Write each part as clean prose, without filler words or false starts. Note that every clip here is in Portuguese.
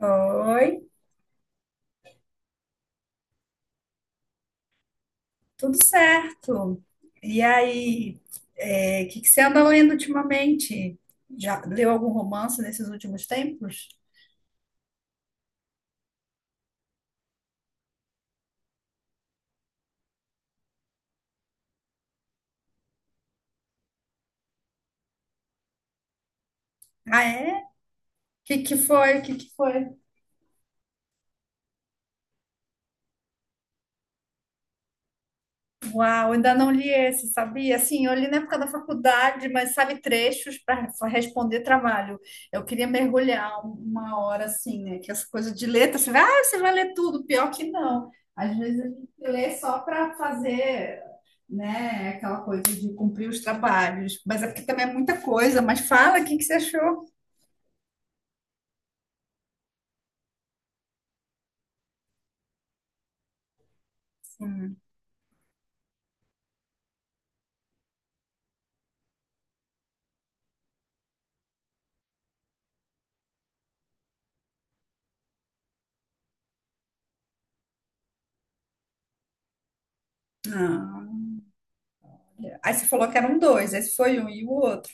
Oi, tudo certo. E aí, o que que você anda lendo ultimamente? Já leu algum romance nesses últimos tempos? Ah, é? O que que foi? O que que foi? Uau, ainda não li esse, sabia? Assim, eu li na época da faculdade, mas sabe, trechos para responder trabalho. Eu queria mergulhar uma hora assim, né? Que essa coisa de letra, você vai ler tudo, pior que não. Às vezes a gente lê só para fazer, né, aquela coisa de cumprir os trabalhos, mas é porque também é muita coisa. Mas fala, o que que você achou? Ah, aí você falou que eram dois, esse foi um e o outro.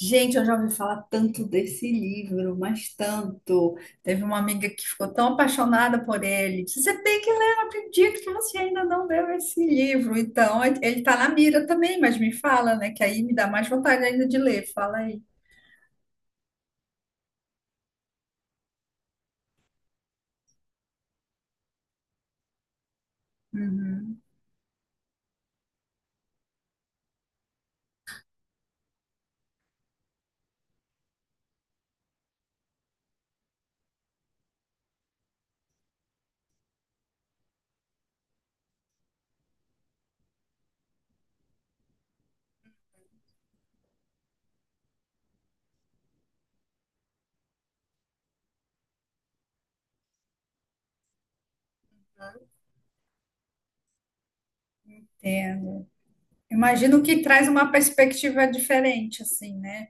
Gente, eu já ouvi falar tanto desse livro, mas tanto. Teve uma amiga que ficou tão apaixonada por ele. Disse, você tem que ler, não acredito que você ainda não leu esse livro. Então, ele tá na mira também, mas me fala, né? Que aí me dá mais vontade ainda de ler. Fala aí. Uhum. Imagino que traz uma perspectiva diferente, assim, né?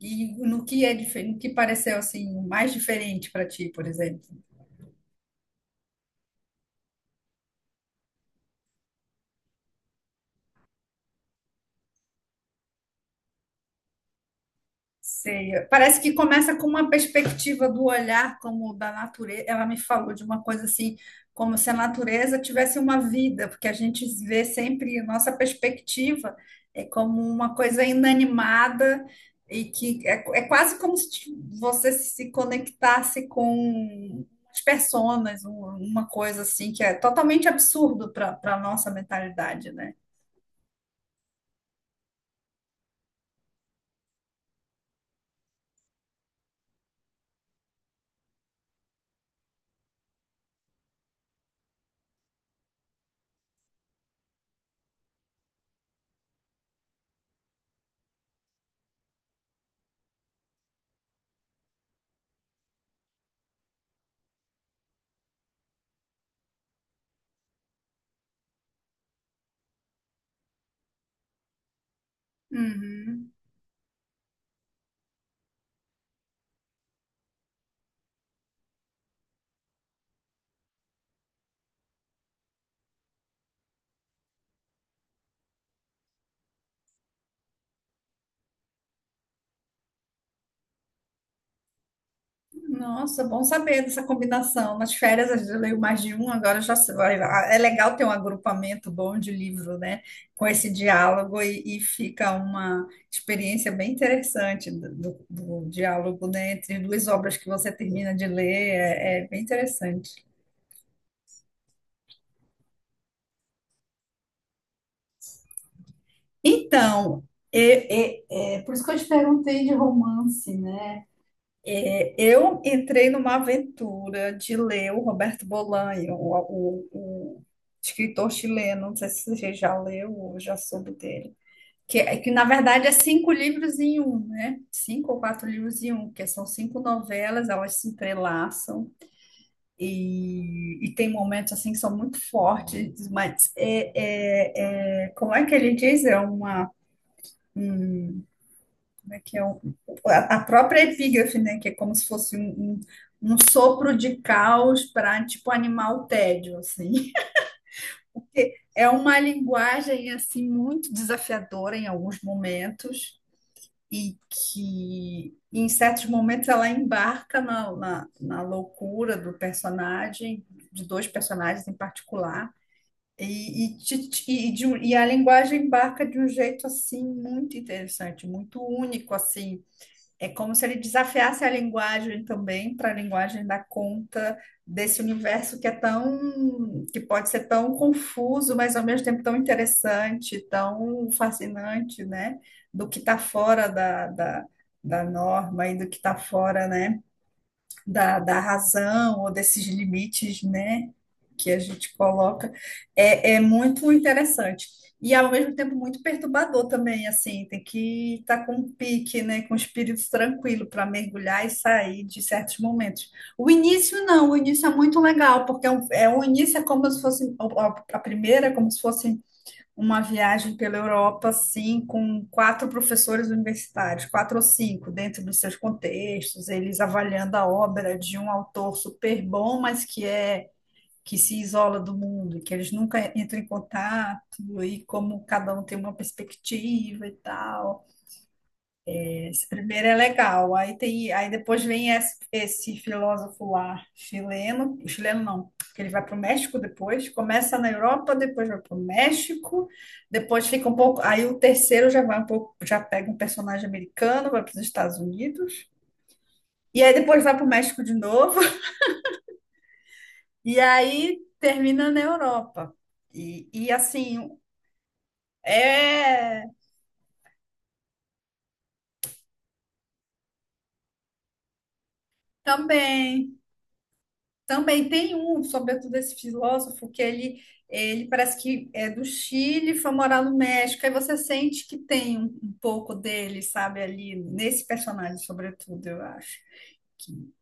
E no que é diferente, no que pareceu assim mais diferente para ti, por exemplo. Sei. Parece que começa com uma perspectiva do olhar como da natureza. Ela me falou de uma coisa assim, como se a natureza tivesse uma vida, porque a gente vê sempre a nossa perspectiva é como uma coisa inanimada e que é quase como se você se conectasse com as personas, uma coisa assim que é totalmente absurdo para nossa mentalidade, né? Uhum. Nossa, bom saber dessa combinação. Nas férias a gente leu mais de um, agora já se vai. É legal ter um agrupamento bom de livro, né? Com esse diálogo e fica uma experiência bem interessante do diálogo, né? Entre duas obras que você termina de ler, é bem interessante. Então, é, é- é por isso que eu te perguntei de romance, né? É, eu entrei numa aventura de ler o Roberto Bolanho, o escritor chileno. Não sei se você já leu ou já soube dele. Que, que na verdade é cinco livros em um, né? Cinco ou quatro livros em um, que são cinco novelas, elas se entrelaçam e tem momentos assim que são muito fortes, mas como é que ele diz? É uma Como é que é a própria epígrafe, né, que é como se fosse um sopro de caos para tipo animar o tédio, assim. Porque é uma linguagem assim muito desafiadora em alguns momentos e que em certos momentos ela embarca na loucura do personagem, de dois personagens em particular. E a linguagem embarca de um jeito assim muito interessante, muito único assim, é como se ele desafiasse a linguagem também, para a linguagem dar conta desse universo que é tão, que pode ser tão confuso, mas ao mesmo tempo tão interessante, tão fascinante, né? Do que está fora da, da norma e do que está fora, né? Da razão ou desses limites, né, que a gente coloca, é muito interessante. E ao mesmo tempo muito perturbador também, assim, tem que estar com um pique, né, com o espírito tranquilo para mergulhar e sair de certos momentos. O início não, o início é muito legal, porque é o início é como se fosse a primeira, é como se fosse uma viagem pela Europa, assim, com quatro professores universitários, quatro ou cinco, dentro dos seus contextos, eles avaliando a obra de um autor super bom, mas que é que se isola do mundo, que eles nunca entram em contato, e como cada um tem uma perspectiva e tal. Esse primeiro é legal. Aí tem, aí depois vem esse filósofo lá, chileno, chileno não, que ele vai para o México depois, começa na Europa, depois vai para o México, depois fica um pouco, aí o terceiro já vai um pouco, já pega um personagem americano, vai para os Estados Unidos, e aí depois vai para o México de novo, e aí termina na Europa. E assim, é também. Também tem um, sobretudo esse filósofo, que ele parece que é do Chile, e foi morar no México, aí você sente que tem um pouco dele, sabe, ali, nesse personagem, sobretudo, eu acho. que-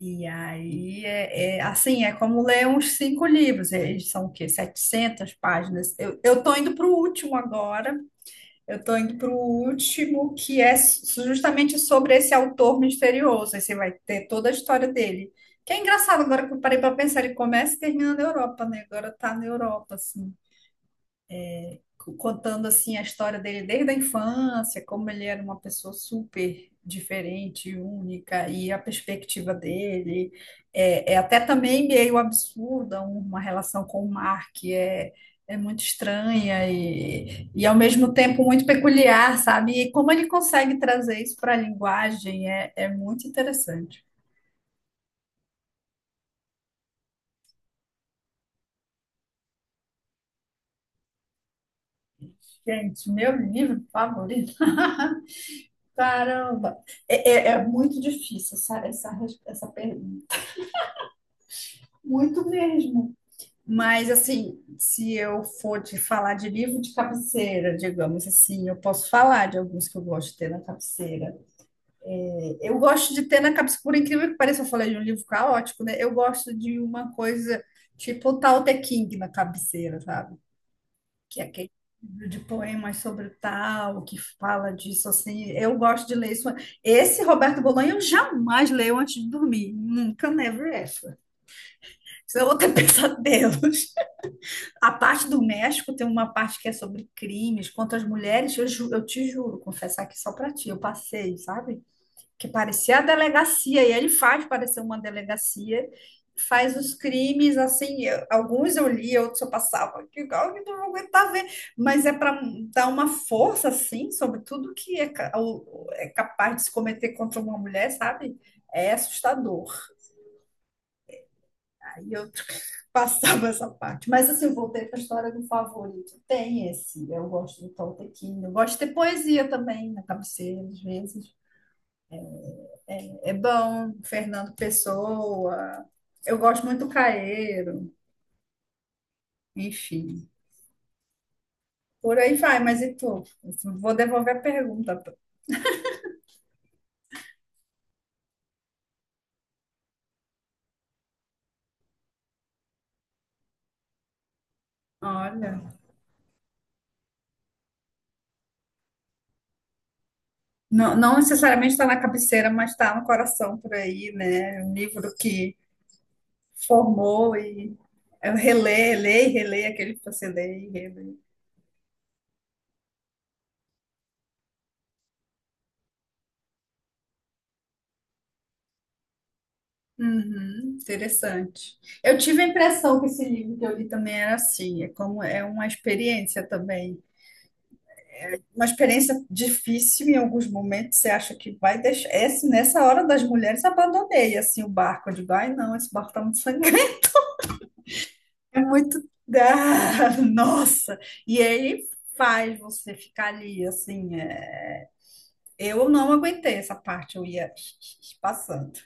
E aí, assim, é como ler uns cinco livros, eles são o quê? 700 páginas. Eu tô indo para o último agora, eu estou indo para o último, que é justamente sobre esse autor misterioso. Aí você vai ter toda a história dele. Que é engraçado agora que eu parei para pensar, ele começa e termina na Europa, né? Agora tá na Europa, assim contando assim a história dele desde a infância, como ele era uma pessoa super diferente, única, e a perspectiva dele é até também meio absurda, uma relação com o Mark, que é, é muito estranha e ao mesmo tempo muito peculiar, sabe? E como ele consegue trazer isso para a linguagem é muito interessante. Gente, meu livro favorito. Caramba, é muito difícil essa pergunta. Muito mesmo. Mas, assim, se eu for te falar de livro de cabeceira, digamos assim, eu posso falar de alguns que eu gosto de ter na cabeceira. Eu gosto de ter na cabeceira, por incrível que pareça, eu falei de um livro caótico, né? Eu gosto de uma coisa tipo o Tao Te King na cabeceira, sabe? Que é aquele livro de poemas sobre o Tao, que fala disso, assim. Eu gosto de ler isso. Esse Roberto Bolonha eu jamais leio antes de dormir. Nunca, never ever. Senão eu vou ter pesadelos. A parte do México tem uma parte que é sobre crimes contra as mulheres. Eu te juro, confessar aqui só pra ti, eu passei, sabe? Que parecia a delegacia, e ele faz parecer uma delegacia, faz os crimes assim. Alguns eu li, outros eu passava, que igual que não vou aguentar ver. Mas é para dar uma força, assim, sobre tudo que é capaz de se cometer contra uma mulher, sabe? É assustador. Aí eu passava essa parte. Mas assim, eu voltei para a história do favorito. Tem esse, eu gosto do Toltequinho. Eu gosto de ter poesia também na cabeceira, às vezes. É bom, Fernando Pessoa. Eu gosto muito do Caeiro, enfim. Por aí vai, mas e tu? Vou devolver a pergunta. Olha, não, não necessariamente está na cabeceira, mas está no coração por aí, né? Um livro que formou e eu releio, leio, e releio aquele que você lê e relê. Uhum, interessante. Eu tive a impressão que esse livro que eu li também era assim, é como é uma experiência também, uma experiência difícil em alguns momentos. Você acha que vai deixar? Esse, nessa hora das mulheres abandonei assim o barco, eu digo, ai não, esse barco tá muito sangrento, é muito, ah, nossa. E ele faz você ficar ali assim. Eu não aguentei essa parte, eu ia passando.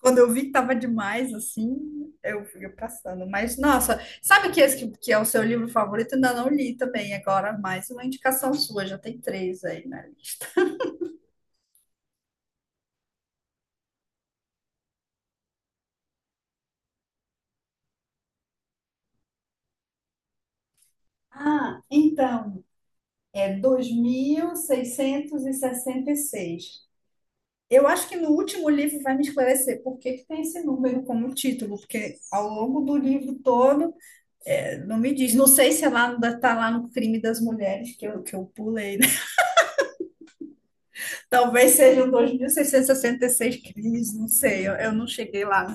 Quando eu vi que tava demais, assim, eu fui passando. Mas, nossa, sabe que esse que é o seu livro favorito? Ainda não li também. Agora, mais uma indicação sua, já tem três aí na lista. Ah, então, é dois mil seiscentos e sessenta e seis. Eu acho que no último livro vai me esclarecer por que que tem esse número como título, porque ao longo do livro todo, não me diz. Não sei se é lá, está lá no Crime das Mulheres, que eu pulei. Talvez sejam 2.666 crimes, não sei, eu não cheguei lá.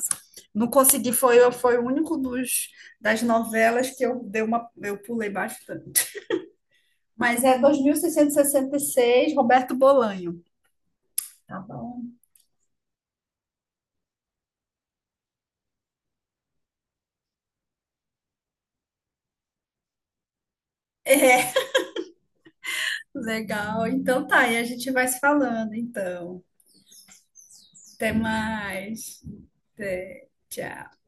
Não consegui, foi o único dos, das novelas que eu dei uma, eu pulei bastante. Mas é 2.666, Roberto Bolanho. Tá bom. É, legal. Então tá, e a gente vai se falando, então. Até mais. Até, tchau.